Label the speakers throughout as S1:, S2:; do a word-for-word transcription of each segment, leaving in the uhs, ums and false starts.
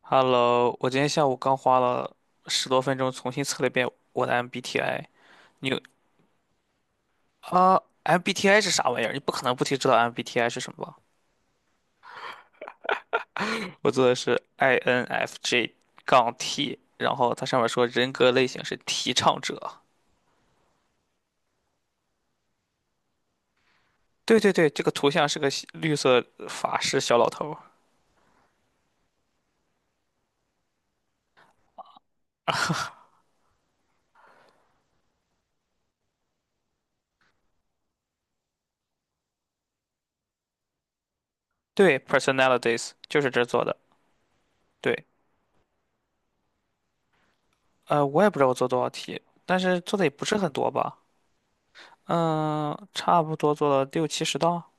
S1: Hello，我今天下午刚花了十多分钟重新测了一遍我的 M B T I。你有啊，M B T I 是啥玩意儿？你不可能不提知道 MBTI 是什么吧？我做的是 I N F J 杠 T，然后它上面说人格类型是提倡者。对对对，这个图像是个西绿色法师小老头儿。对，personalities 就是这儿做的。对，呃，我也不知道我做多少题，但是做的也不是很多吧？嗯，差不多做了六七十道。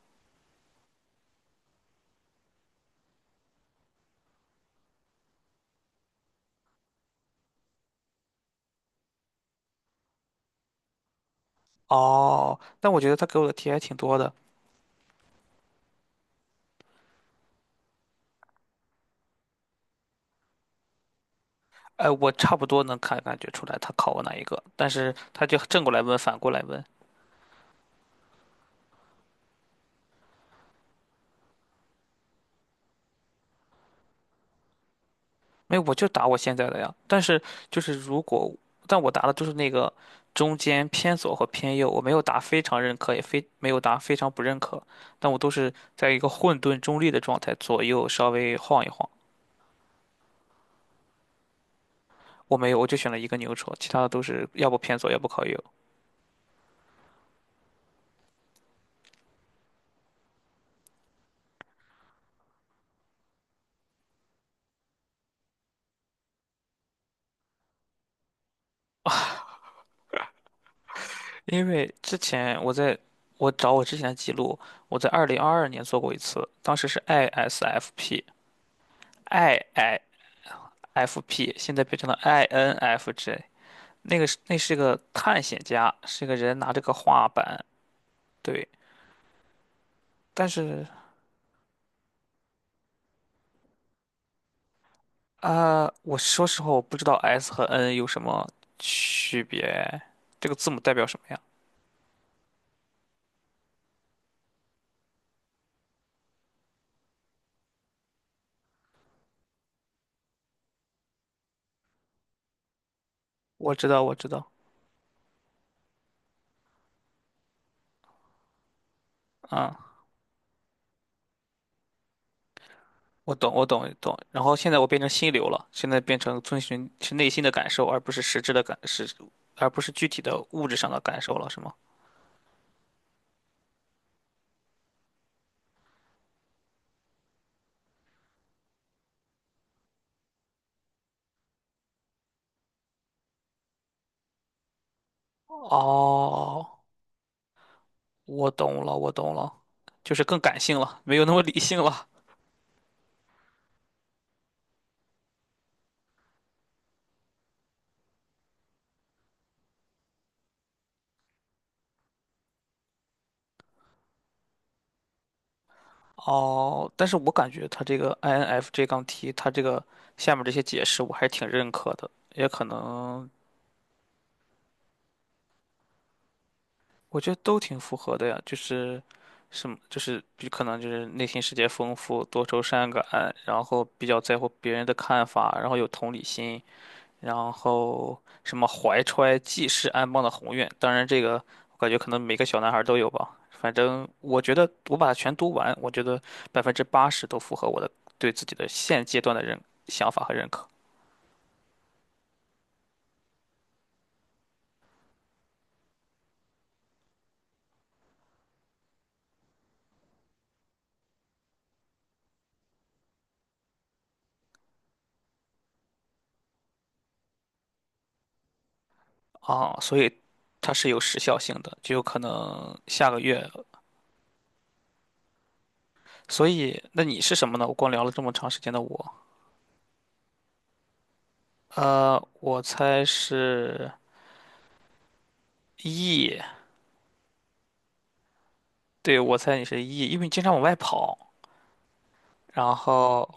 S1: 哦，但我觉得他给我的题还挺多的。哎，我差不多能看感觉出来他考我哪一个，但是他就正过来问，反过来问。没有，我就答我现在的呀。但是就是如果，但我答的就是那个中间偏左和偏右，我没有答非常认可，也非没有答非常不认可，但我都是在一个混沌中立的状态，左右稍微晃一晃。我没有，我就选了一个牛车，其他的都是要不偏左，要不靠右。因为之前我在我找我之前的记录，我在二零二二年做过一次，当时是 I S F P，I I F P，现在变成了 I N F J。那个是那是个探险家，是个人拿着个画板，对。但是啊、呃我说实话，我不知道 S 和 N 有什么区别，这个字母代表什么呀？我知道，我知道，嗯。我懂，我懂，懂。然后现在我变成心流了，现在变成遵循是内心的感受，而不是实质的感，是，而不是具体的物质上的感受了，是吗？哦，我懂了，我懂了，就是更感性了，没有那么理性了。哦，但是我感觉他这个 I N F J 杠 T，他这个下面这些解释我还挺认可的，也可能我觉得都挺符合的呀，就是什么，就是比可能就是内心世界丰富、多愁善感，然后比较在乎别人的看法，然后有同理心，然后什么怀揣济世安邦的宏愿。当然，这个我感觉可能每个小男孩都有吧。反正我觉得我把它全读完，我觉得百分之八十都符合我的对自己的现阶段的认想法和认可。啊，所以它是有时效性的，就有可能下个月。所以，那你是什么呢？我光聊了这么长时间的我，呃，我猜是 E，对，我猜你是 E，因为你经常往外跑，然后，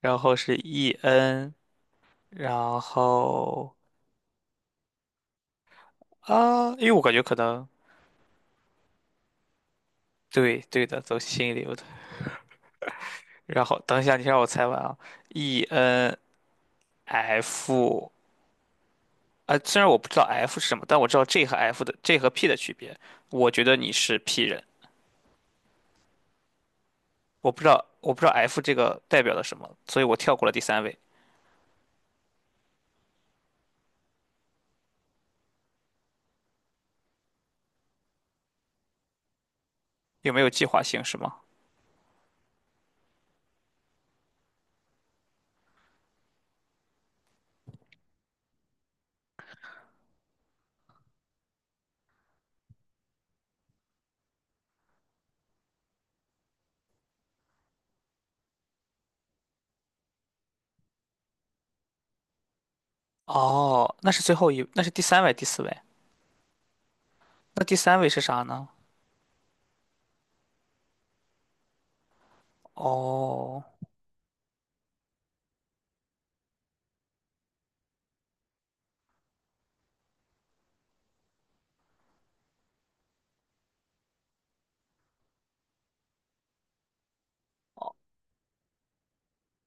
S1: 然后是 E N，然后啊，因为我感觉可能对对的，走心流的。然后等一下，你先让我猜完啊，E N F，啊，虽然我不知道 F 是什么，但我知道 J 和 F 的 J 和 P 的区别，我觉得你是 P 人。我不知道，我不知道 F 这个代表了什么，所以我跳过了第三位。有没有计划性是吗？哦，那是最后一，那是第三位，第四位。那第三位是啥呢？哦，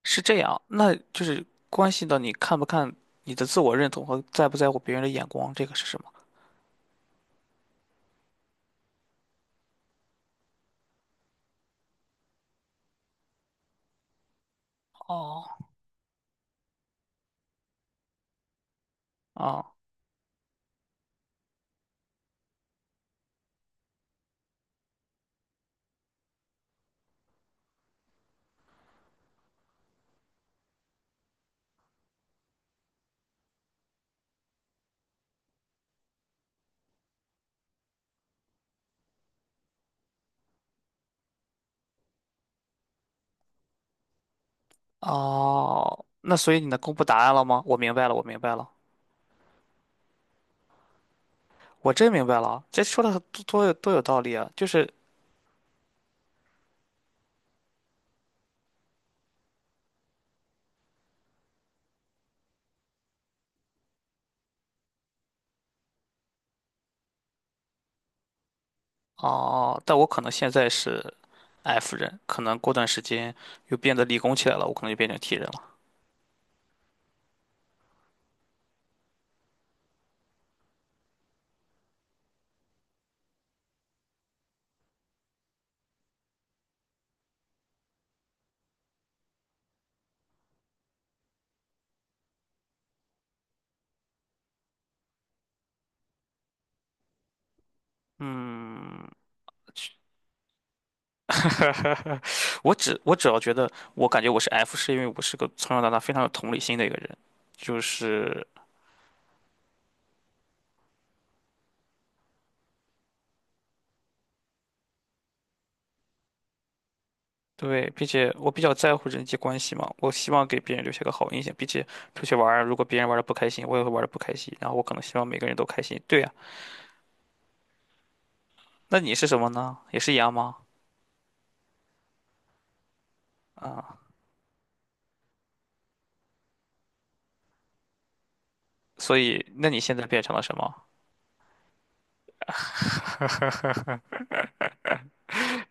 S1: 是这样，那就是关系到你看不看你的自我认同和在不在乎别人的眼光，这个是什么？哦，哦，哦，那所以你能公布答案了吗？我明白了，我明白了，我真明白了啊，这说的多多有多有道理啊！就是哦，但我可能现在是 F 人，可能过段时间又变得理工起来了，我可能就变成 T 人了。嗯，我只我只要觉得，我感觉我是 F，是因为我是个从小到大非常有同理心的一个人，就是对，并且我比较在乎人际关系嘛，我希望给别人留下个好印象，并且出去玩儿，如果别人玩的不开心，我也会玩的不开心，然后我可能希望每个人都开心。对呀，那你是什么呢？也是一样吗？啊，所以那你现在变成了什么？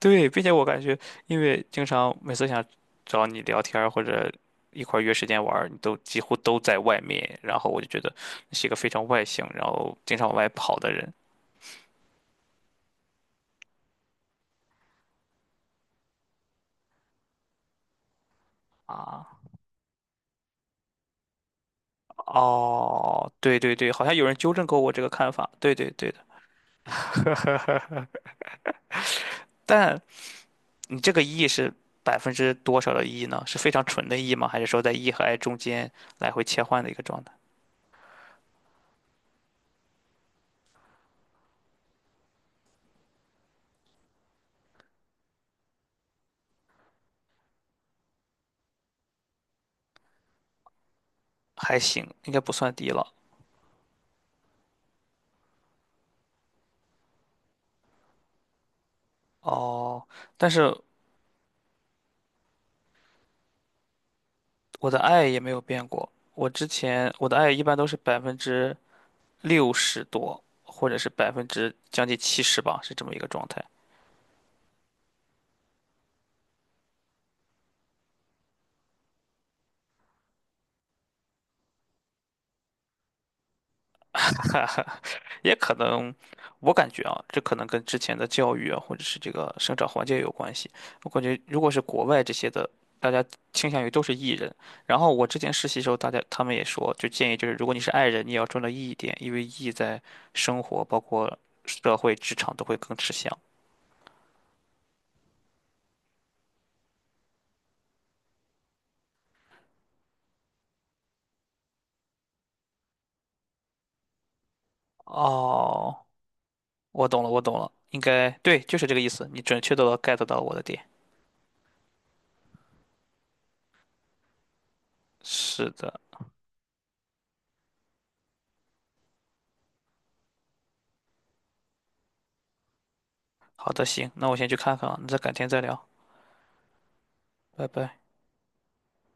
S1: 对，并且我感觉，因为经常每次想找你聊天儿或者一块儿约时间玩儿，你都几乎都在外面，然后我就觉得你是一个非常外向，然后经常往外跑的人啊。哦，对对对，好像有人纠正过我这个看法。对对对的，但你这个 E 是百分之多少的 E 呢？是非常纯的 E 吗？还是说在 E 和 I 中间来回切换的一个状态？还行，应该不算低了。哦，但是。我的爱也没有变过。我之前我的爱一般都是百分之六十多，或者是百分之将近七十吧，是这么一个状态。也可能，我感觉啊，这可能跟之前的教育啊，或者是这个生长环境有关系。我感觉如果是国外这些的，大家倾向于都是 E 人。然后我之前实习时候，大家他们也说，就建议就是，如果你是 I 人，你也要专到 E 一点，因为 E 在生活包括社会职场都会更吃香。哦，我懂了，我懂了，应该对，就是这个意思。你准确的 get 到我的点。是的，好的，行，那我先去看看啊，那再改天再聊，拜拜。